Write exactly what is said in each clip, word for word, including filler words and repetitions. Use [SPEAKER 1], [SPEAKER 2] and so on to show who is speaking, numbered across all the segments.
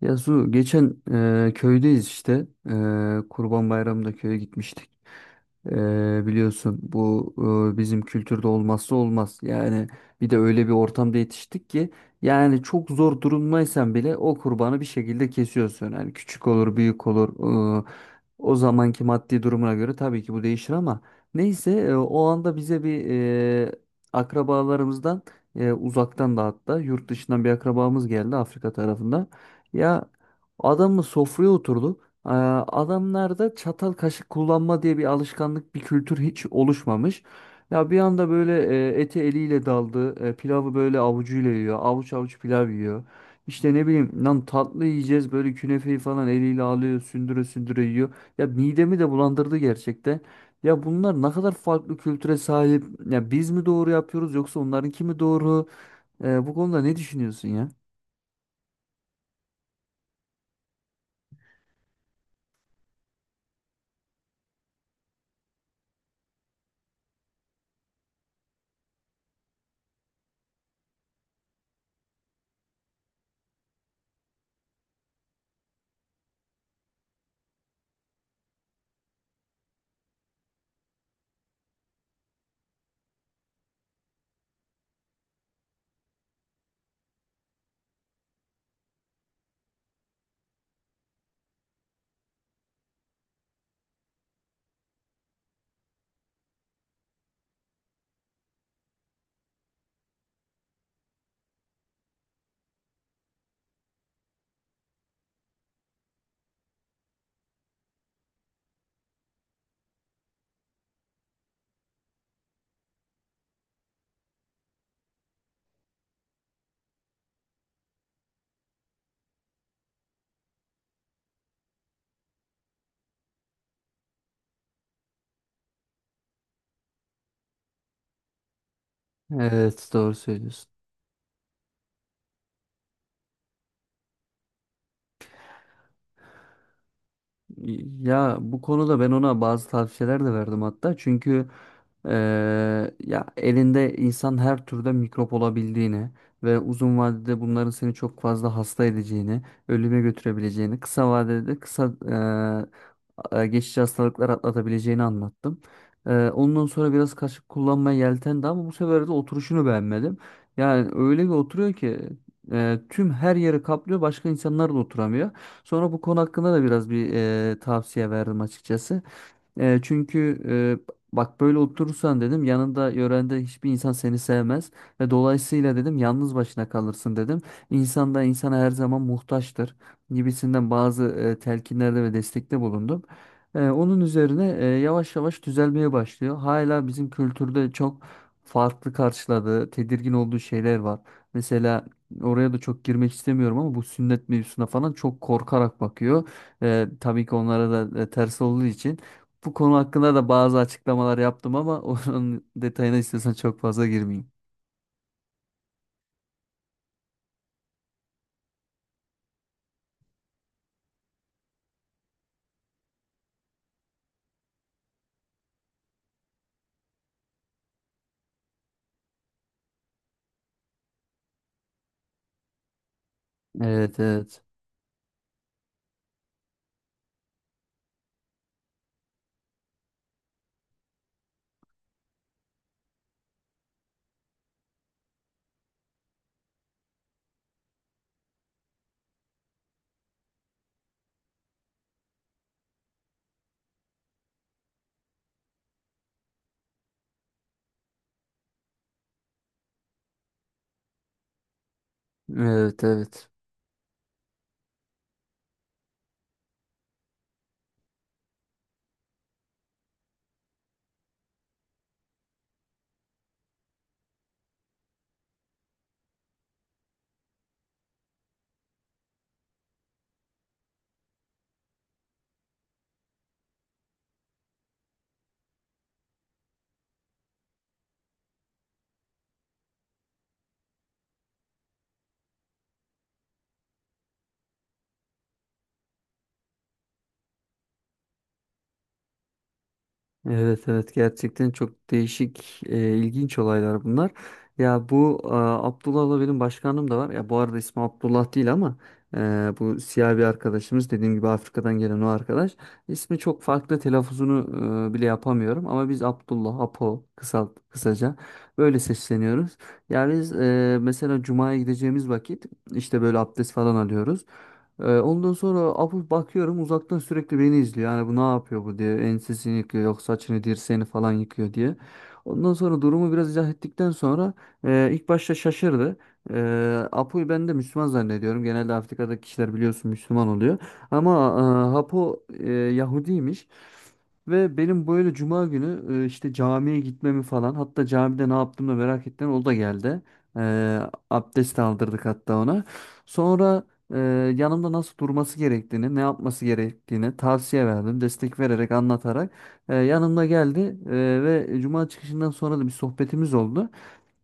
[SPEAKER 1] Ya Su, geçen e, köydeyiz işte. E, Kurban Bayramı'nda köye gitmiştik. E, biliyorsun bu e, bizim kültürde olmazsa olmaz. Yani bir de öyle bir ortamda yetiştik ki yani çok zor durumdaysan bile o kurbanı bir şekilde kesiyorsun. Yani küçük olur, büyük olur. e, O zamanki maddi durumuna göre tabii ki bu değişir ama neyse e, o anda bize bir e, akrabalarımızdan e, uzaktan da hatta yurt dışından bir akrabamız geldi Afrika tarafından. Ya adamı sofraya oturdu. Ee, Adamlarda çatal kaşık kullanma diye bir alışkanlık, bir kültür hiç oluşmamış. Ya bir anda böyle e, ete eliyle daldı. e, Pilavı böyle avucuyla yiyor. Avuç avuç pilav yiyor. İşte ne bileyim lan tatlı yiyeceğiz böyle künefeyi falan eliyle alıyor sündüre sündüre yiyor. Ya midemi de bulandırdı gerçekten. Ya bunlar ne kadar farklı kültüre sahip. Ya biz mi doğru yapıyoruz yoksa onlarınki mi doğru? Ee, bu konuda ne düşünüyorsun ya? Evet, doğru söylüyorsun. Ya bu konuda ben ona bazı tavsiyeler de verdim hatta. Çünkü eee, ya elinde insan her türde mikrop olabildiğini ve uzun vadede bunların seni çok fazla hasta edeceğini, ölüme götürebileceğini, kısa vadede kısa eee, a- geçici hastalıklar atlatabileceğini anlattım. Eee, ondan sonra biraz kaşık kullanmaya yeltendi ama bu sefer de oturuşunu beğenmedim. Yani öyle bir oturuyor ki eee, tüm her yeri kaplıyor, başka insanlar da oturamıyor. Sonra bu konu hakkında da biraz bir e, tavsiye verdim açıkçası. E, çünkü e, bak böyle oturursan dedim yanında yörende hiçbir insan seni sevmez ve dolayısıyla dedim yalnız başına kalırsın dedim. İnsan da insana her zaman muhtaçtır gibisinden bazı e, telkinlerde ve destekte bulundum. E, onun üzerine e, yavaş yavaş düzelmeye başlıyor. Hala bizim kültürde çok farklı karşıladığı, tedirgin olduğu şeyler var. Mesela oraya da çok girmek istemiyorum ama bu sünnet mevzusuna falan çok korkarak bakıyor. E, tabii ki onlara da e, ters olduğu için. Bu konu hakkında da bazı açıklamalar yaptım ama onun detayına istiyorsan çok fazla girmeyeyim. Evet, evet. Evet, evet. Evet, evet, gerçekten çok değişik e, ilginç olaylar bunlar. Ya bu e, Abdullah'la benim başkanım da var. Ya bu arada ismi Abdullah değil ama e, bu siyah bir arkadaşımız dediğim gibi Afrika'dan gelen o arkadaş. İsmi çok farklı, telaffuzunu e, bile yapamıyorum ama biz Abdullah, Apo kısalt kısaca böyle sesleniyoruz. Ya biz e, mesela Cuma'ya gideceğimiz vakit işte böyle abdest falan alıyoruz. Ee, ondan sonra afıf bakıyorum uzaktan sürekli beni izliyor. Yani bu ne yapıyor bu diye. Ensesini yıkıyor yok saçını dirseğini falan yıkıyor diye. Ondan sonra durumu biraz izah ettikten sonra e, ilk başta şaşırdı. E, Apo'yu ben de Müslüman zannediyorum. Genelde Afrika'daki kişiler biliyorsun Müslüman oluyor. Ama e, Apo e, Yahudiymiş. Ve benim böyle cuma günü e, işte camiye gitmemi falan hatta camide ne yaptığımı da merak ettim. O da geldi. E, Abdest aldırdık hatta ona. Sonra e, yanımda nasıl durması gerektiğini, ne yapması gerektiğini tavsiye verdim. Destek vererek, anlatarak e, yanımda geldi e, ve cuma çıkışından sonra da bir sohbetimiz oldu.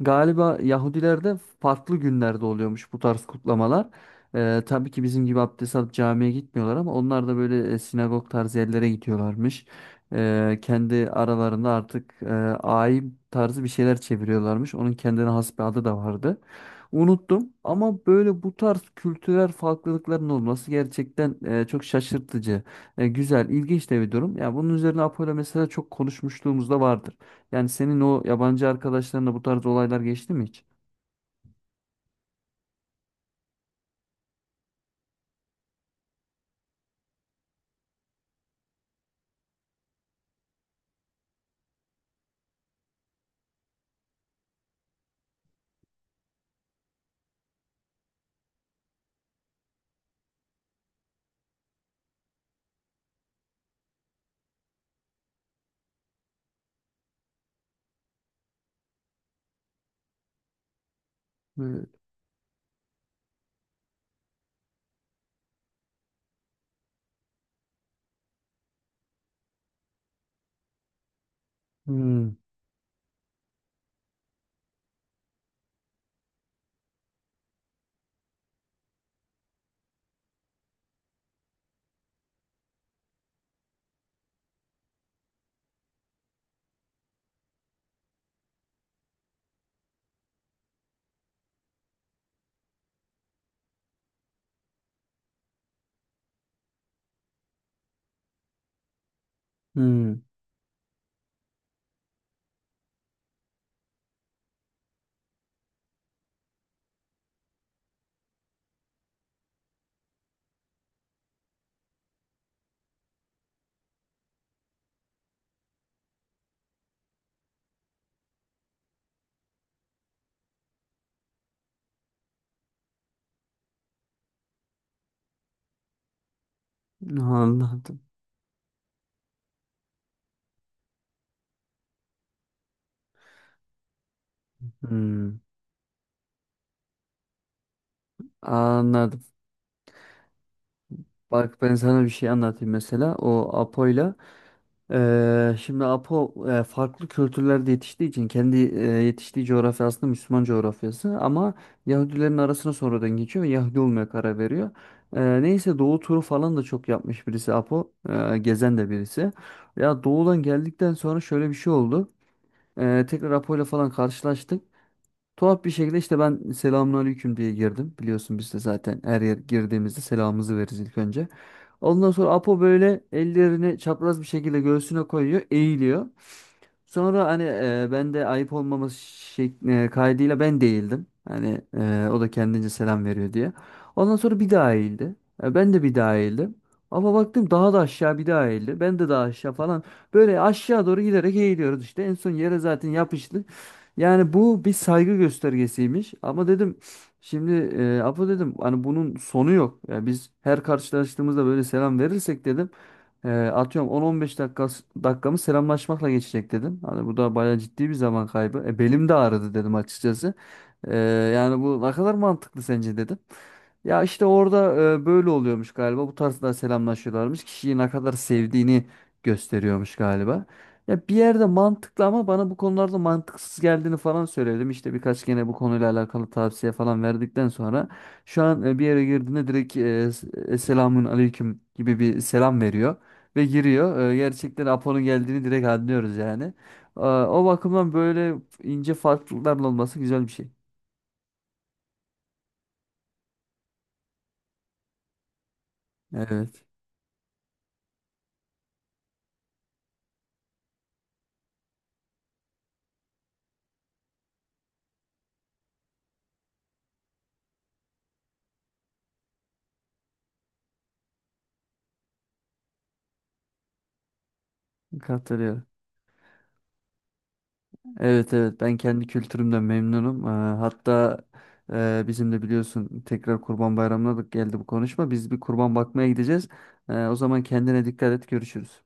[SPEAKER 1] Galiba Yahudilerde farklı günlerde oluyormuş bu tarz kutlamalar. Ee, tabii ki bizim gibi abdest alıp camiye gitmiyorlar ama onlar da böyle e, sinagog tarzı yerlere gidiyorlarmış. Ee, kendi aralarında artık e, ayim tarzı bir şeyler çeviriyorlarmış. Onun kendine has bir adı da vardı. Unuttum ama böyle bu tarz kültürel farklılıkların olması gerçekten e, çok şaşırtıcı. E, güzel, ilginç de bir durum. Ya bunun üzerine Apollo mesela çok konuşmuşluğumuz da vardır. Yani senin o yabancı arkadaşlarınla bu tarz olaylar geçti mi hiç? Böyle, hmm, hmm, anladım. Hmm, anladım. Bak ben sana bir şey anlatayım mesela. O Apo'yla Eee, şimdi Apo eee, farklı kültürlerde yetiştiği için kendi eee, yetiştiği coğrafya aslında Müslüman coğrafyası ama Yahudilerin arasına sonradan geçiyor ve Yahudi olmaya karar veriyor. Eee, neyse Doğu turu falan da çok yapmış birisi Apo. Eee, gezen de birisi. Ya Doğu'dan geldikten sonra şöyle bir şey oldu. Eee tekrar Apo'yla falan karşılaştık. Tuhaf bir şekilde işte ben selamünaleyküm diye girdim. Biliyorsun biz de zaten her yer girdiğimizde selamımızı veririz ilk önce. Ondan sonra Apo böyle ellerini çapraz bir şekilde göğsüne koyuyor, eğiliyor. Sonra hani e, ben de ayıp olmaması şek- e, kaydıyla ben değildim. Hani e, o da kendince selam veriyor diye. Ondan sonra bir daha eğildi. E, ben de bir daha eğildim. Ama baktım daha da aşağı bir daha eğildi. Ben de daha aşağı falan. Böyle aşağı doğru giderek eğiliyoruz işte. En son yere zaten yapıştık. Yani bu bir saygı göstergesiymiş ama dedim şimdi e, Apo dedim hani bunun sonu yok. Yani biz her karşılaştığımızda böyle selam verirsek dedim e, atıyorum on on beş dakika dakikamı selamlaşmakla geçecek dedim. Hani bu da bayağı ciddi bir zaman kaybı. E, belim de ağrıdı dedim açıkçası. E, Yani bu ne kadar mantıklı sence dedim. Ya işte orada e, böyle oluyormuş galiba. Bu tarzda selamlaşıyorlarmış. Kişiyi ne kadar sevdiğini gösteriyormuş galiba. Ya bir yerde mantıklı ama bana bu konularda mantıksız geldiğini falan söyledim. İşte birkaç gene bu konuyla alakalı tavsiye falan verdikten sonra şu an e, bir yere girdiğinde direkt e, s- e, selamun aleyküm gibi bir selam veriyor ve giriyor. E, gerçekten Apo'nun geldiğini direkt anlıyoruz yani. E, o bakımdan böyle ince farklılıkların olması güzel bir şey. Evet, katılıyorum. Evet, evet, ben kendi kültürümden memnunum. Ee, hatta e, bizim de biliyorsun tekrar Kurban Bayramı'na da geldi bu konuşma. Biz bir kurban bakmaya gideceğiz. Ee, o zaman kendine dikkat et, görüşürüz.